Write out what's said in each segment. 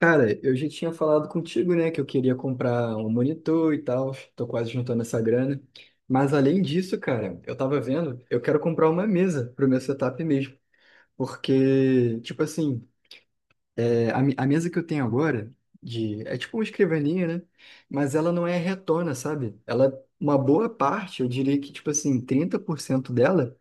Cara, eu já tinha falado contigo, né, que eu queria comprar um monitor e tal, tô quase juntando essa grana. Mas além disso, cara, eu tava vendo, eu quero comprar uma mesa pro meu setup mesmo. Porque, tipo assim, a mesa que eu tenho agora, é tipo uma escrivaninha, né? Mas ela não é retona, sabe? Ela, uma boa parte, eu diria que, tipo assim, 30% dela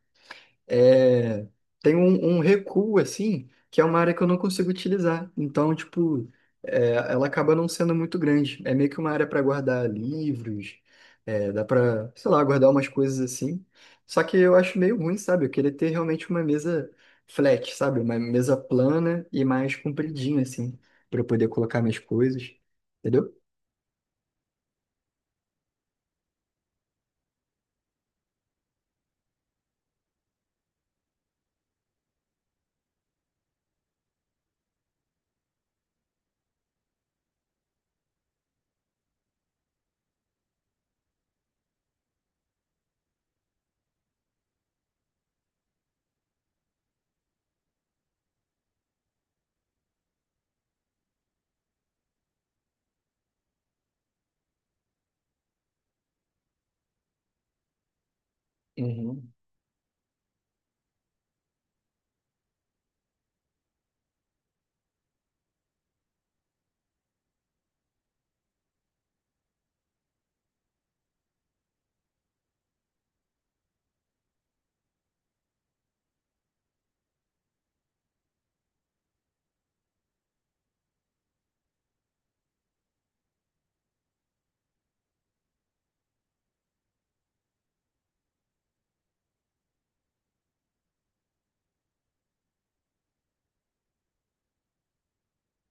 é, tem um recuo, assim, que é uma área que eu não consigo utilizar. Então, tipo, ela acaba não sendo muito grande. É meio que uma área para guardar livros, dá para, sei lá, guardar umas coisas assim. Só que eu acho meio ruim, sabe? Eu queria ter realmente uma mesa flat, sabe? Uma mesa plana e mais compridinha, assim, para eu poder colocar minhas coisas, entendeu? Uhum.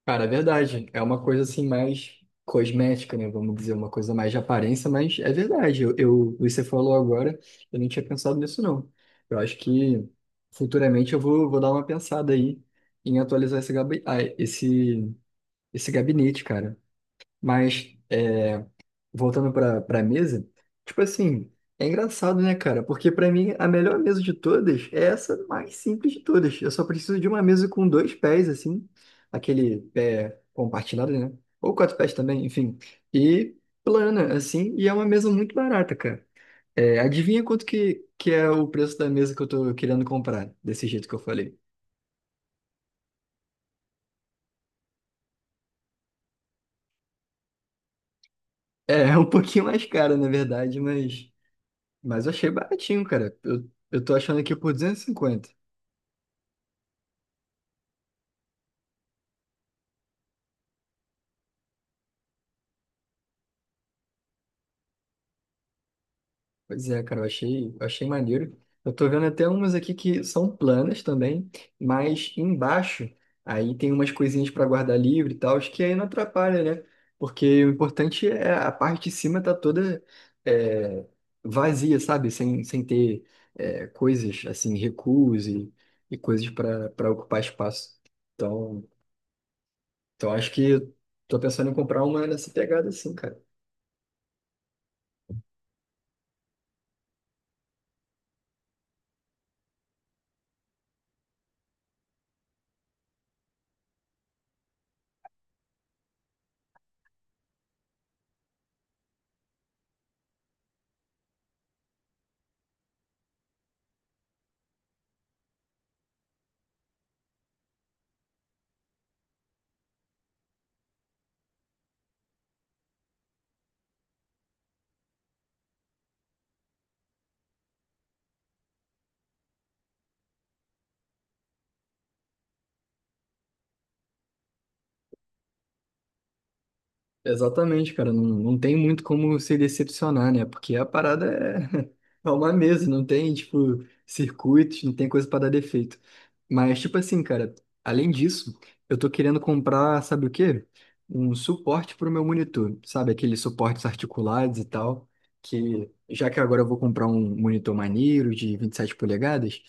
Cara, é verdade. É uma coisa assim mais cosmética, né? Vamos dizer, uma coisa mais de aparência, mas é verdade. Você falou agora, eu não tinha pensado nisso, não. Eu acho que futuramente vou dar uma pensada aí em atualizar esse gabinete, cara. Mas. é, Voltando para mesa, tipo assim, é engraçado, né, cara? Porque para mim a melhor mesa de todas é essa mais simples de todas. Eu só preciso de uma mesa com dois pés assim, aquele pé compartilhado, né? Ou quatro pés também, enfim. E plana assim, e é uma mesa muito barata, cara. É, adivinha que é o preço da mesa que eu tô querendo comprar, desse jeito que eu falei. É, é um pouquinho mais caro, na verdade, mas eu achei baratinho, cara. Eu tô achando aqui por 250. Pois é, cara, eu achei maneiro. Eu tô vendo até umas aqui que são planas também, mas embaixo aí tem umas coisinhas para guardar livre e tal, acho que aí não atrapalha, né? Porque o importante é a parte de cima tá toda é, vazia, sabe? Sem ter coisas assim, recuos e coisas para ocupar espaço. Então, então acho que tô pensando em comprar uma nessa pegada assim, cara. Exatamente, cara. Não tem muito como se decepcionar, né? Porque é uma mesa, não tem, tipo, circuitos, não tem coisa pra dar defeito. Mas, tipo assim, cara, além disso, eu tô querendo comprar, sabe o quê? Um suporte pro meu monitor, sabe? Aqueles suportes articulados e tal. Que, já que agora eu vou comprar um monitor maneiro de 27 polegadas,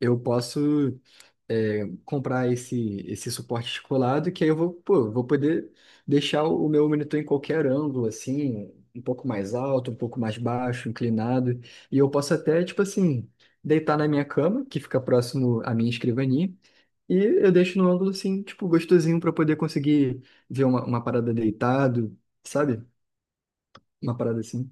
eu posso comprar esse suporte descolado, que aí eu vou, pô, vou poder deixar o meu monitor em qualquer ângulo, assim, um pouco mais alto, um pouco mais baixo, inclinado, e eu posso até, tipo assim, deitar na minha cama, que fica próximo à minha escrivaninha, e eu deixo no ângulo, assim, tipo, gostosinho para poder conseguir ver uma parada deitado, sabe? Uma parada assim.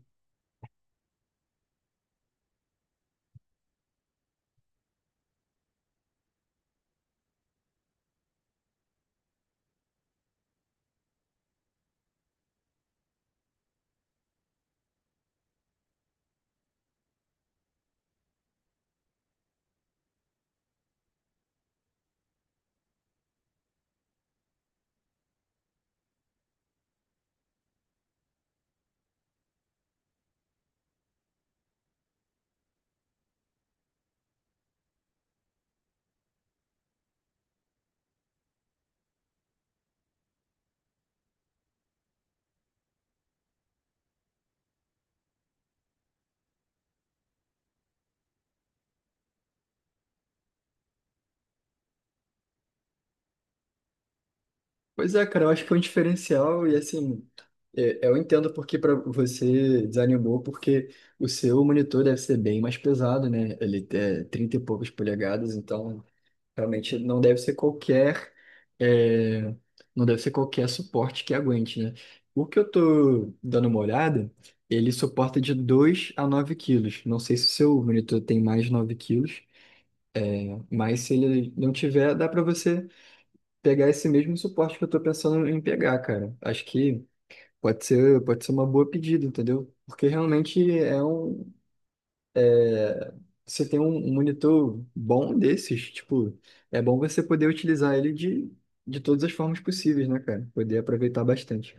Pois é, cara, eu acho que é um diferencial e assim, eu entendo porque para você desanimou, porque o seu monitor deve ser bem mais pesado, né? Ele é 30 e poucas polegadas, então realmente não deve ser qualquer, é, não deve ser qualquer suporte que aguente, né? O que eu tô dando uma olhada, ele suporta de 2 a 9 quilos. Não sei se o seu monitor tem mais de 9 quilos, mas se ele não tiver, dá para você pegar esse mesmo suporte que eu tô pensando em pegar, cara. Acho que pode ser uma boa pedida, entendeu? Porque realmente é, você tem um monitor bom desses, tipo, é bom você poder utilizar ele de todas as formas possíveis, né, cara? Poder aproveitar bastante.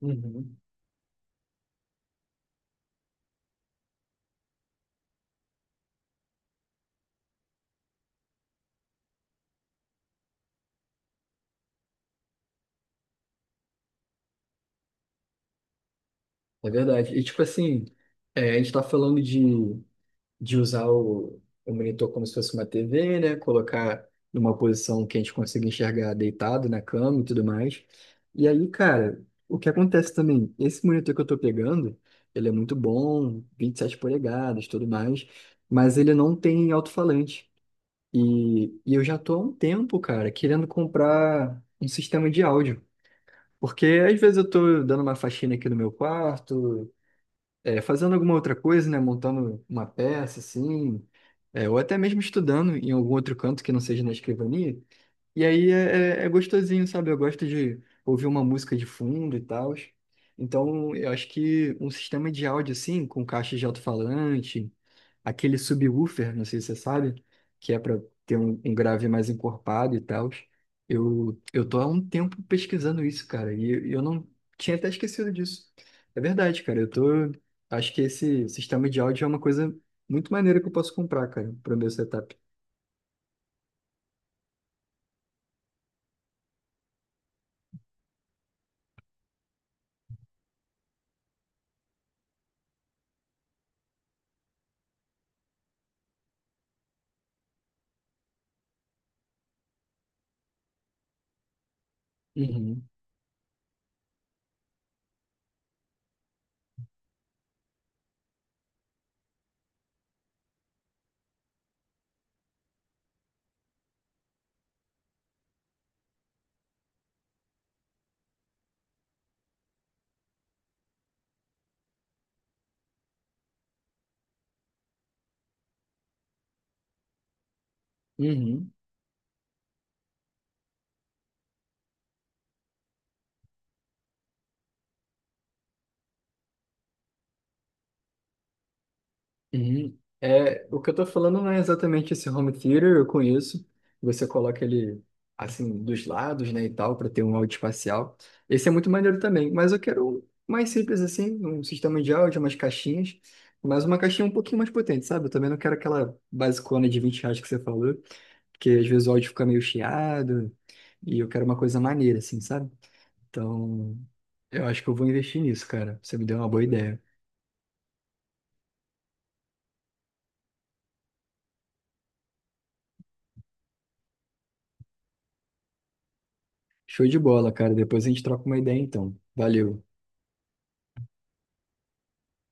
Uhum. É verdade. E tipo assim, é, a gente tá falando de usar o monitor como se fosse uma TV, né? Colocar numa posição que a gente consiga enxergar deitado na cama e tudo mais. E aí, cara, o que acontece também? Esse monitor que eu tô pegando, ele é muito bom, 27 polegadas, tudo mais, mas ele não tem alto-falante. E eu já tô há um tempo, cara, querendo comprar um sistema de áudio. Porque às vezes eu tô dando uma faxina aqui no meu quarto, fazendo alguma outra coisa, né? Montando uma peça, assim, ou até mesmo estudando em algum outro canto que não seja na escrivania. E aí é gostosinho, sabe? Eu gosto de ouvir uma música de fundo e tal. Então, eu acho que um sistema de áudio assim, com caixa de alto-falante, aquele subwoofer, não sei se você sabe, que é para ter um grave mais encorpado e tal. Eu tô há um tempo pesquisando isso, cara, e eu não tinha até esquecido disso. É verdade, cara, eu tô. Acho que esse sistema de áudio é uma coisa muito maneira que eu posso comprar, cara, para o meu setup. Uhum, uhum. Uhum. É, o que eu tô falando não é exatamente esse home theater, eu conheço. Você coloca ele assim dos lados, né, e tal, para ter um áudio espacial. Esse é muito maneiro também, mas eu quero um mais simples assim, um sistema de áudio, umas caixinhas, mas uma caixinha um pouquinho mais potente, sabe? Eu também não quero aquela basicona de 20 reais que você falou, porque às vezes o áudio fica meio chiado, e eu quero uma coisa maneira, assim, sabe? Então, eu acho que eu vou investir nisso, cara. Você me deu uma boa ideia. Show de bola, cara. Depois a gente troca uma ideia, então. Valeu.